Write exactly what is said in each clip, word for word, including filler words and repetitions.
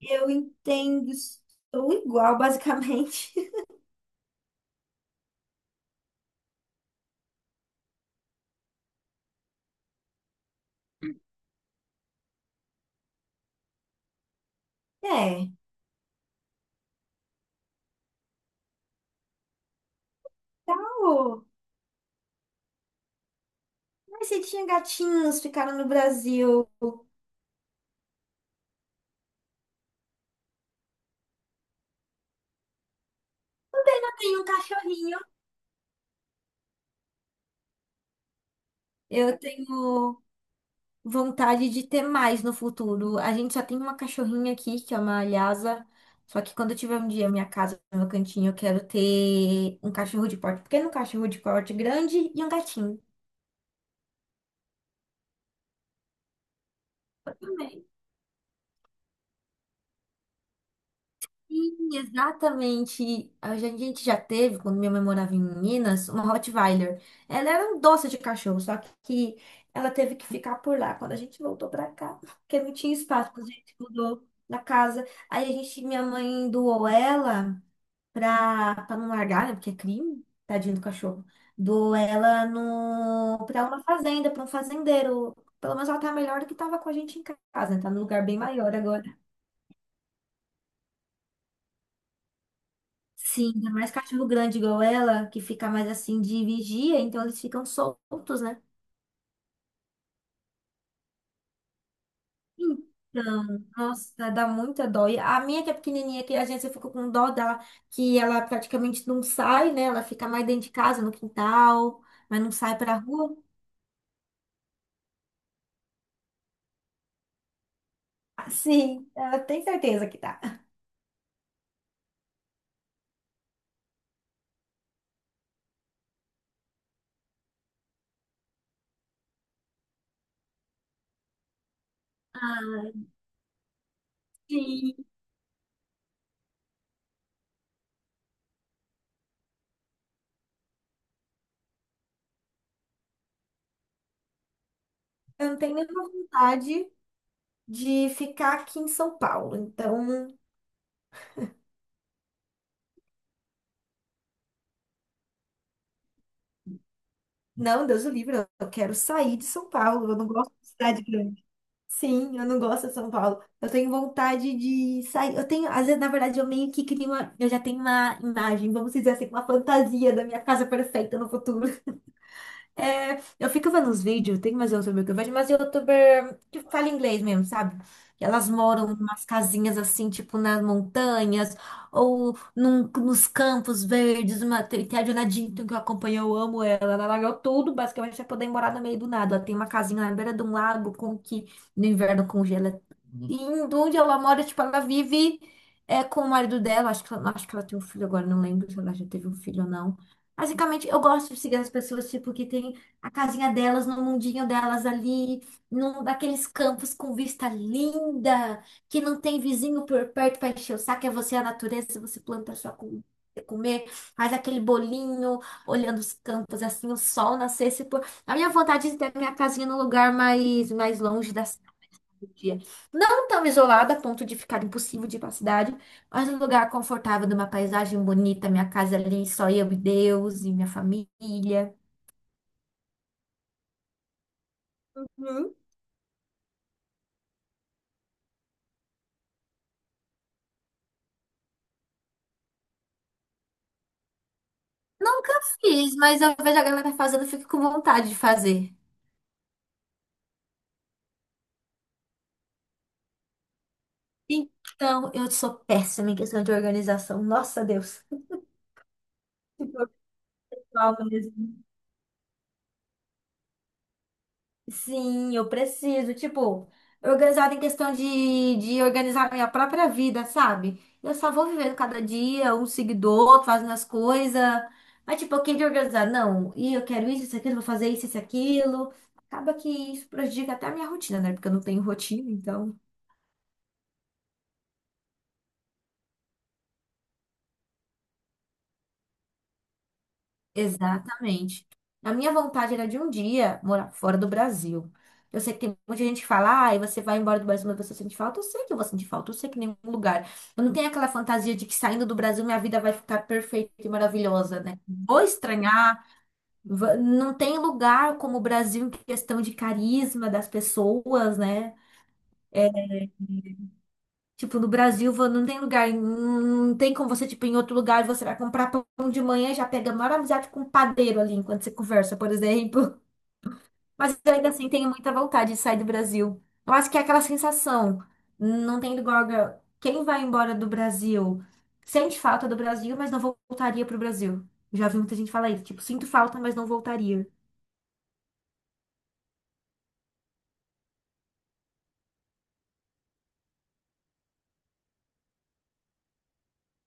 Eu entendo estou igual, basicamente. É, tal. Mas você tinha gatinhos, ficaram no Brasil. Eu tenho um cachorrinho. Eu tenho vontade de ter mais no futuro. A gente só tem uma cachorrinha aqui, que é uma Lhasa. Só que quando eu tiver um dia minha casa, meu cantinho, eu quero ter um cachorro de porte pequeno, um cachorro de porte grande e um gatinho. Sim, exatamente. E A gen- a gente já teve, quando minha mãe morava em Minas, uma Rottweiler. Ela era um doce de cachorro, só que ela teve que ficar por lá quando a gente voltou pra cá, porque não tinha espaço, quando a gente mudou da casa. Aí a gente, minha mãe doou ela pra, pra não largar, né? Porque é crime, tadinho do cachorro. Doou ela no, pra uma fazenda, pra um fazendeiro. Pelo menos ela tá melhor do que tava com a gente em casa, né? Tá num lugar bem maior agora. Sim, ainda mais cachorro grande igual ela, que fica mais assim de vigia, então eles ficam soltos, né? Então, nossa, dá muita dó. E a minha que é pequenininha, que a gente ficou com dó dela, que ela praticamente não sai, né? Ela fica mais dentro de casa, no quintal, mas não sai pra rua. Ah, sim, ela tem certeza que tá. Sim, eu não tenho nenhuma vontade de ficar aqui em São Paulo. Então, não, Deus o livre, eu quero sair de São Paulo. Eu não gosto de cidade grande. Sim, eu não gosto de São Paulo. Eu tenho vontade de sair. Eu tenho, às vezes, na verdade, eu meio que crio uma. Eu já tenho uma imagem, vamos dizer assim, uma fantasia da minha casa perfeita no futuro. É, eu fico vendo os vídeos, tem mais youtuber que eu vejo, mas youtuber que fala inglês mesmo, sabe? Que elas moram em umas casinhas assim, tipo nas montanhas, ou num- nos campos verdes. Uma, tem, tem a Jonah Dinton que eu acompanho, eu amo ela. Ela largou tudo, basicamente, pra poder morar no meio do nada. Ela tem uma casinha na beira de um lago com que no inverno congela indo onde ela mora, tipo, ela vive é, com o marido dela. Acho que, ela- acho que ela tem um filho agora, não lembro se ela já teve um filho ou não. Basicamente, eu gosto de seguir as pessoas, tipo, que tem a casinha delas, no mundinho delas ali, num daqueles campos com vista linda, que não tem vizinho por perto para encher o saco, é você a natureza, você planta a sua comida. Comer, faz aquele bolinho, olhando os campos assim, o sol nascer, se pôr. A minha vontade é ter minha casinha num lugar mais, mais longe da dia. Não tão isolada a ponto de ficar impossível de ir para a cidade, mas um lugar confortável, numa paisagem bonita, minha casa ali, só eu e Deus e minha família. Hum. Nunca fiz, mas eu vejo a galera fazendo, eu fico com vontade de fazer. Então, eu sou péssima em questão de organização. Nossa, Deus. Tipo, eu sou algo mesmo. Sim, eu preciso, tipo, organizada em questão de, de organizar minha própria vida, sabe? Eu só vou vivendo cada dia, um seguidor, fazendo as coisas. Mas, tipo, eu queria organizar, não, e eu quero isso, isso, aquilo, vou fazer isso, isso, aquilo. Acaba que isso prejudica até a minha rotina, né? Porque eu não tenho rotina, então. Exatamente. A minha vontade era de um dia morar fora do Brasil. Eu sei que tem muita gente que fala, ah, você vai embora do Brasil, mas você sente falta. Eu sei que eu vou sentir falta, eu sei que em nenhum lugar. Eu não tenho aquela fantasia de que saindo do Brasil minha vida vai ficar perfeita e maravilhosa, né? Vou estranhar, va- não tem lugar como o Brasil em questão de carisma das pessoas, né? Tipo, no Brasil vo- não tem lugar, não tem como você, tipo, em outro lugar você vai comprar pão de manhã e já pega a maior amizade com o padeiro ali enquanto você conversa, por exemplo. Mas eu ainda assim tenho muita vontade de sair do Brasil. Eu acho que é aquela sensação, não tem igual. a- Quem vai embora do Brasil sente falta do Brasil, mas não voltaria pro Brasil. Já vi muita gente falar isso, tipo, sinto falta, mas não voltaria.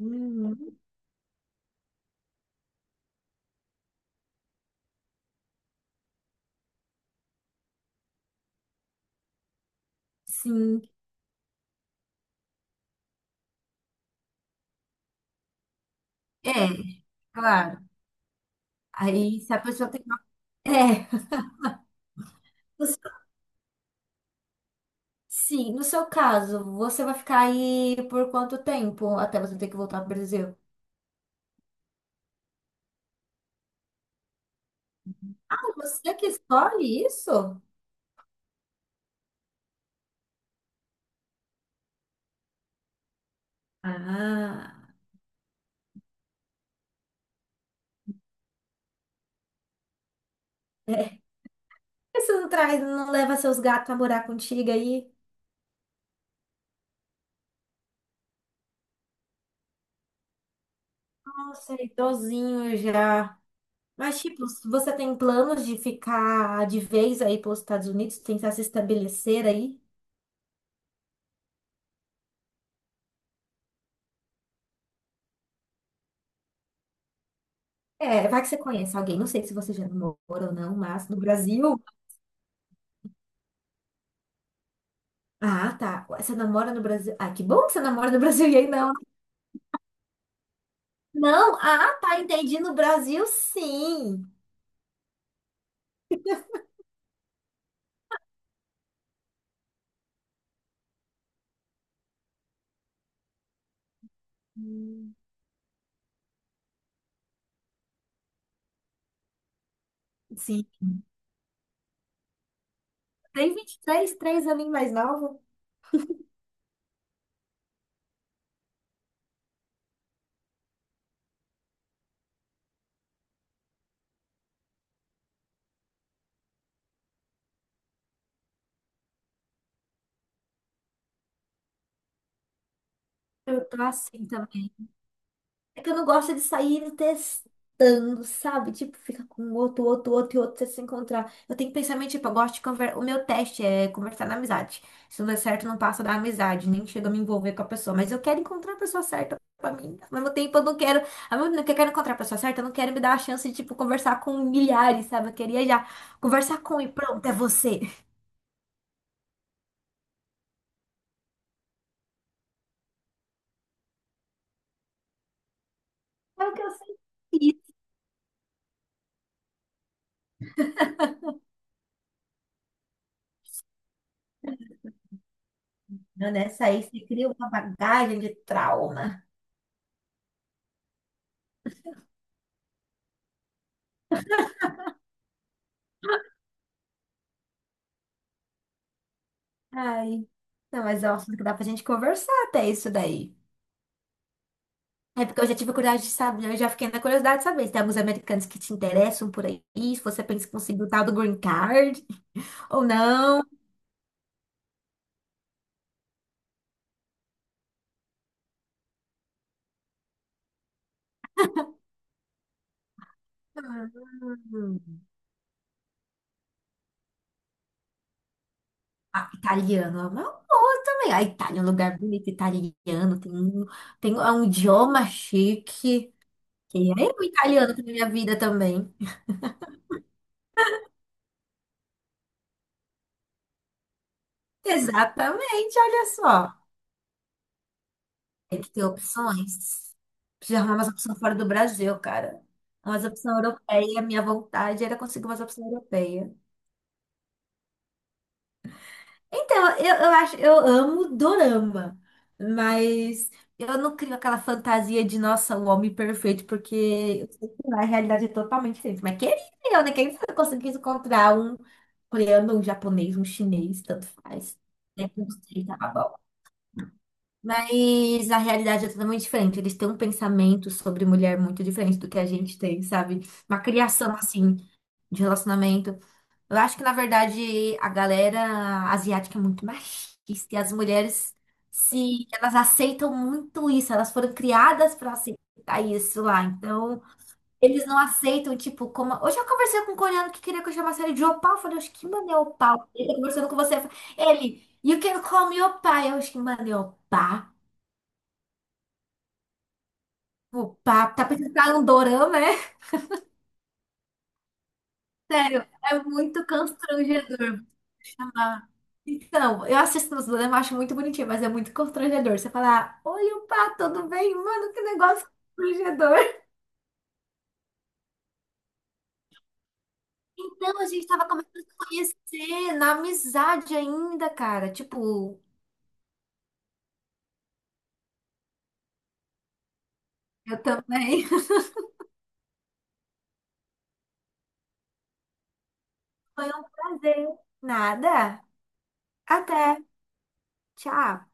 Uhum. Sim, é, claro. Aí se a pessoa tem. É. No seu- Sim, no seu caso, você vai ficar aí por quanto tempo até você ter que voltar pro Brasil? Ah, você que escolhe isso? Ah. Por que você não traz, não leva seus gatos a morar contigo aí? Nossa, é idosinho já. Mas, tipo, se você tem planos de ficar de vez aí pelos Estados Unidos, tentar se estabelecer aí? É, vai que você conhece alguém. Não sei se você já namora ou não, mas no Brasil. Ah, tá. Ué, você namora no Brasil. Ah, que bom que você namora no Brasil e aí não. Não, ah, tá. Entendi. No Brasil, sim. Hum, sim. Tem vinte e três, três três aninhos mais novo. Eu tô assim também. É que eu não gosto de sair testando, sabe? Tipo, fica com um outro, outro, outro e outro você se encontrar. Eu tenho que pensar, meio, tipo, eu gosto de conversar. O meu teste é conversar na amizade. Se não der certo, não passa da amizade, nem chega a me envolver com a pessoa. Mas eu quero encontrar a pessoa certa pra mim. Ao mesmo tempo, eu não quero. Ao mesmo tempo que eu quero encontrar a pessoa certa, eu não quero me dar a chance de, tipo, conversar com milhares, sabe? Eu queria já conversar com e pronto, é você. É o que eu senti, né? Isso aí você cria uma bagagem de trauma. Ai. Não, mas é um assunto que dá pra gente conversar até isso daí. É porque eu já tive curiosidade de saber, eu já fiquei na curiosidade de saber se tem alguns americanos que te interessam por aí, se você pensa em conseguir o tal do green card ou não. Hum. Ah, italiano é uma boa também. A Itália é um lugar bonito, italiano, tem, um- tem um é um idioma chique. Que é o italiano na minha vida também. Exatamente, olha só. Tem que ter opções. Preciso arrumar umas opções fora do Brasil, cara. Umas opções europeias. Minha vontade era conseguir umas opções europeias. Então, eu, eu acho, eu amo dorama, mas eu não crio aquela fantasia de, nossa, o homem perfeito, porque eu sei que lá a realidade é totalmente diferente. Mas queria eu, né? Quem sabe eu conseguisse encontrar um coreano, um japonês, um chinês, tanto faz. Né? Não sei, tá bom. Mas a realidade é totalmente diferente. Eles têm um pensamento sobre mulher muito diferente do que a gente tem, sabe? Uma criação, assim, de relacionamento. Eu acho que, na verdade, a galera asiática é muito machista. E as mulheres, se elas aceitam muito isso, elas foram criadas para aceitar isso lá. Então, eles não aceitam, tipo, como. Hoje eu conversei com um coreano que queria que eu chamasse ele de opal. Eu falei, acho que mano é opal. Ele tá conversando com você. Ele, you can call me opal. Eu acho que mano é opal. Opa, tá tá pensando que é um dorama, é? Sério, é muito constrangedor. Vou chamar. Então, eu assisto os nos dorama, acho muito bonitinho, mas é muito constrangedor. Você falar, oi, opa, tudo bem? Mano, que negócio constrangedor. Então, a gente tava começando a se conhecer, na amizade ainda, cara. Tipo, eu também. Foi um prazer. Nada. Até. Tchau.